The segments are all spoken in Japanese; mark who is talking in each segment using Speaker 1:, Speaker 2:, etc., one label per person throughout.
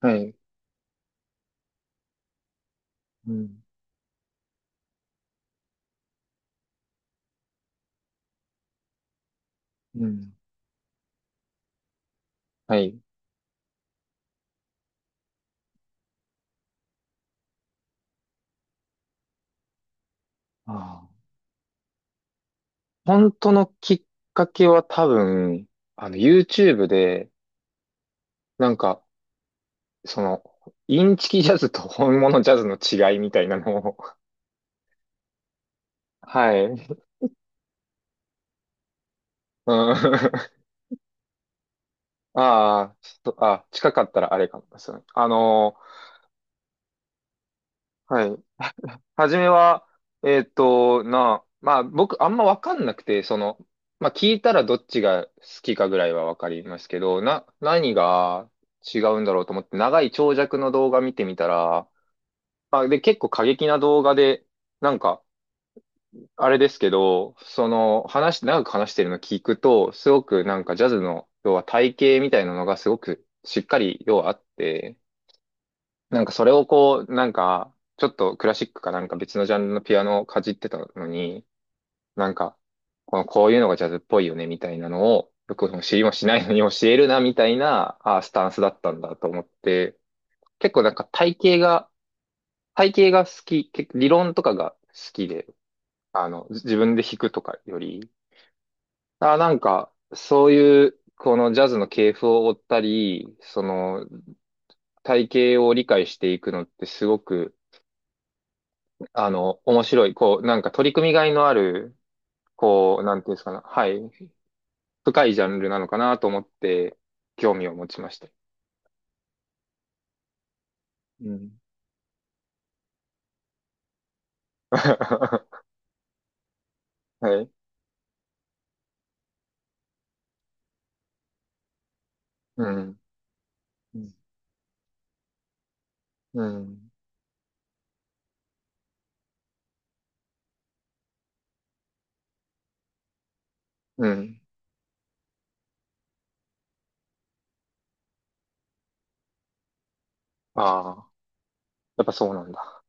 Speaker 1: はい。うん。うん。はい。ああ。本当のきっかけは多分、あの、YouTube で、なんか、その、インチキジャズと本物ジャズの違いみたいなのを、はい。うん。ああ、ちょっと、あ、近かったらあれかもですね。あの、はい。初めは、まあ僕あんまわかんなくて、その、まあ聞いたらどっちが好きかぐらいはわかりますけど、何が違うんだろうと思って長い長尺の動画見てみたら、まあで結構過激な動画で、なんか、あれですけど、その話、長く話してるの聞くと、すごくなんかジャズの、要は体系みたいなのがすごくしっかり、要はあって、なんかそれをこう、なんか、ちょっとクラシックかなんか別のジャンルのピアノをかじってたのに、なんか、この、こういうのがジャズっぽいよね、みたいなのを、よく知りもしないのに教えるな、みたいな、あースタンスだったんだと思って、結構なんか体系が、体系が好き、結構理論とかが好きで、あの、自分で弾くとかより、あー、なんか、そういう、このジャズの系譜を追ったり、その、体系を理解していくのってすごく、あの、面白い、こう、なんか取り組みがいのある、こう、なんていうんですかね、はい、深いジャンルなのかなと思って、興味を持ちました。うん。はい。うん。うん。うん。うん。ああ、やっぱそうなんだ。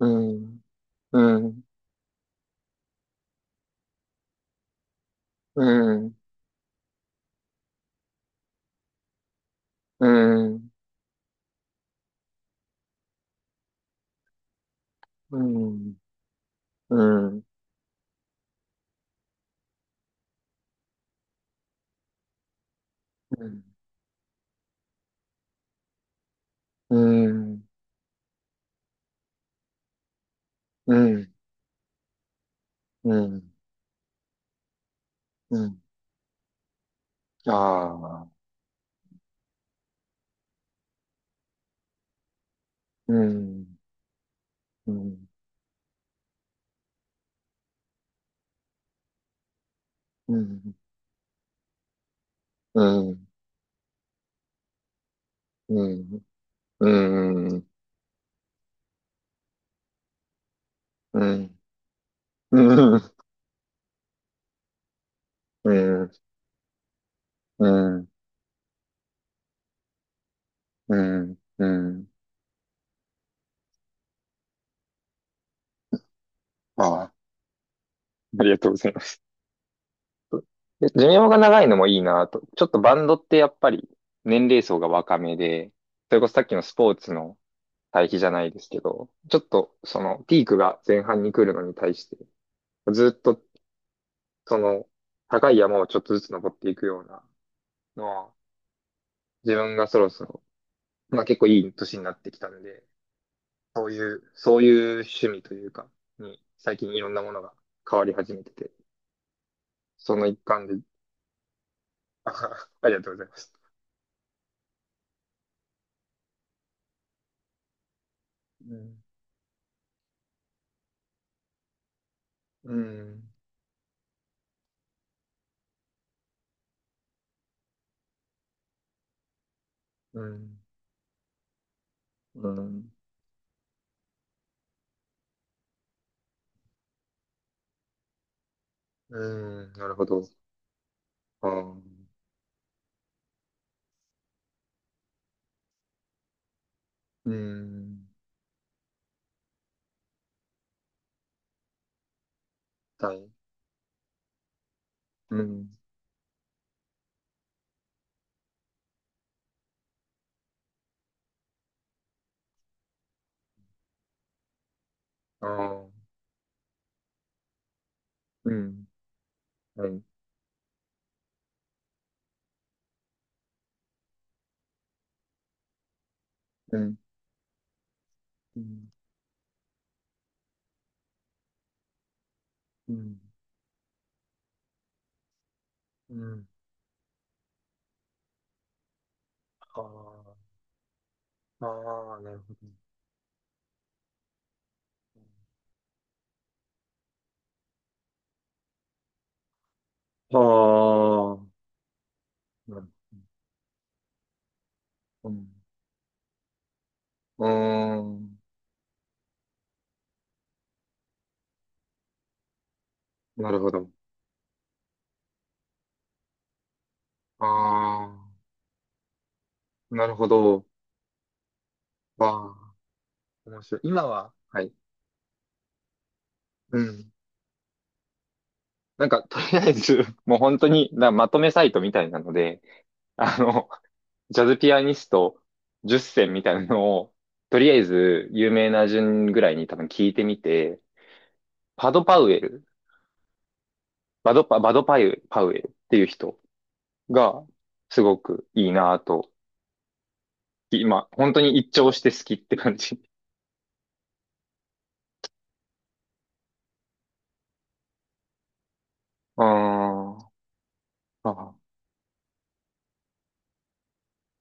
Speaker 1: うん。うん。うん。うん。うん。うん。うん。うん。うん。うん。うん。ああ。うん。うん。うん。うん。うん。うん。うん。うん、うん、うん、うん、うん。ああ、ありがとうございます。で寿命が長いのもいいなと。ちょっとバンドってやっぱり年齢層が若めで、それこそさっきのスポーツの対比じゃないですけど、ちょっとそのピークが前半に来るのに対して、ずっとその高い山をちょっとずつ登っていくようなのは、自分がそろそろ、まあ結構いい年になってきたんで、そういう、そういう趣味というか、に最近いろんなものが変わり始めてて、その一環で、あははありがとうございます。うん、うん、うん、うん、うんなるほど。ああうん、はい、うん、あーうん、はい、うん、うん、うん、うん、ああああなるほど。ああ、なるうん、うーん、なるほど。ああ、なるほど。ああ、面白い。今は、はい、うん。なんか、とりあえず、もう本当に、なまとめサイトみたいなので、あの、ジャズピアニスト10選みたいなのを、とりあえず、有名な順ぐらいに多分聞いてみて、パド・パウエル、バドパ、バドパウ、パウエルっていう人が、すごくいいなぁと、今、本当に一聴して好きって感じ。あーあ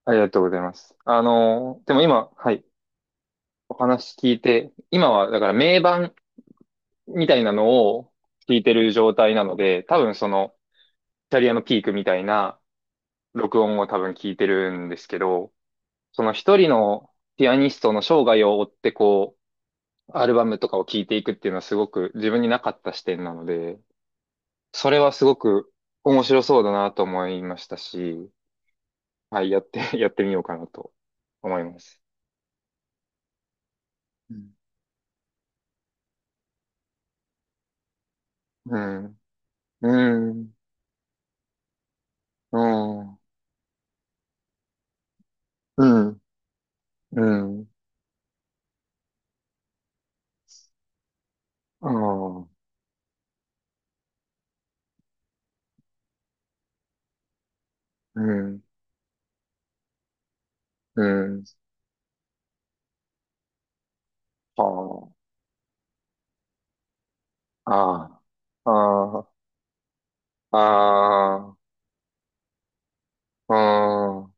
Speaker 1: ありがとうございます。あの、でも今、はい、お話聞いて、今は、だから名盤、みたいなのを聞いてる状態なので、多分その、キャリアのピークみたいな録音を多分聞いてるんですけど、その一人のピアニストの生涯を追ってこう、アルバムとかを聞いていくっていうのはすごく自分になかった視点なので、それはすごく面白そうだなと思いましたし、はい、やって、やってみようかなと思います。うん。うん、うん、うん、うん、うん、うん、うん、うん、ああ。ああ、ああ、ああ、うーん、あ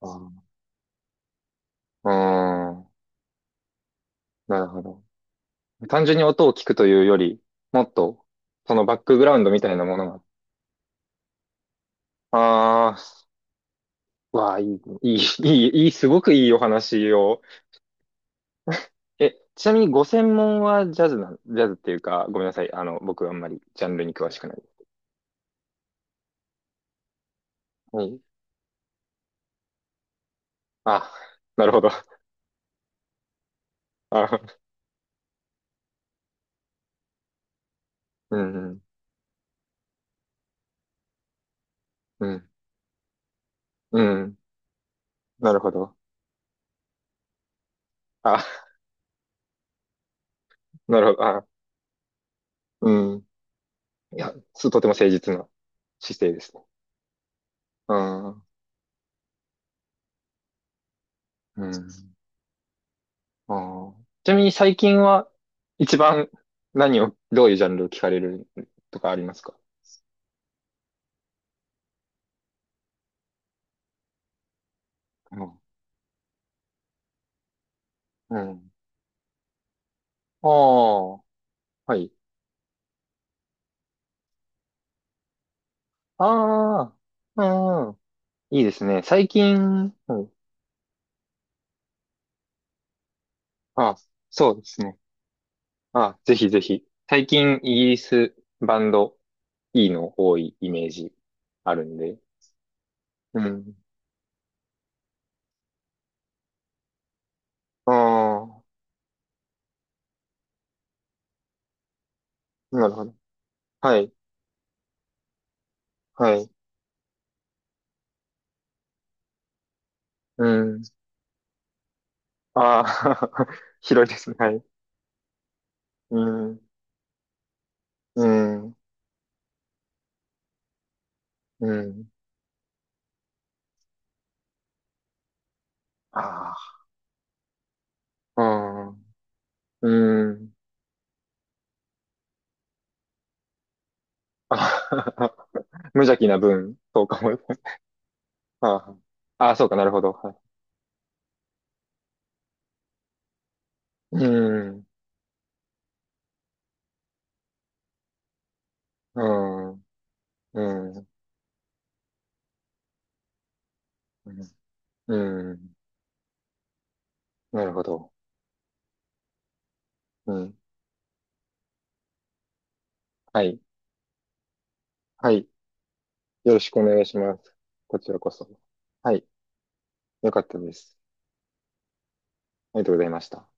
Speaker 1: ーうーん、なるほど。単純に音を聞くというより、もっと、そのバックグラウンドみたいなものが。ああ、わあ、いい、いい、いい、いい、すごくいいお話を。え、ちなみにご専門はジャズなん、ジャズっていうか、ごめんなさい。あの、僕あんまりジャンルに詳しくない。はい。あ、なるほど。あ、うん、うん、うん、うんなるほど。あ、なるほど。あ、うん。いや、す、とても誠実な姿勢ですね。うん。うん。あーちなみに最近は一番何を、どういうジャンルを聞かれるとかありますかうん。うん。ああ、はい。ああ、うん。いいですね。最近、うん、あ、そうですね。あ、ぜひぜひ。最近イギリスバンドいいの多いイメージあるんで。うん。ああ、なるほど。はい。はい。うん。ああ、広いですね。はい。うん、うん、うん。ああ、うん、うん。あ 無邪気な分、そうかも。あーあー、そうか、なるほど。はい。うん、うん、うん、うん。なるほど。うん。はい。はい。よろしくお願いします。こちらこそ。はい。よかったです。ありがとうございました。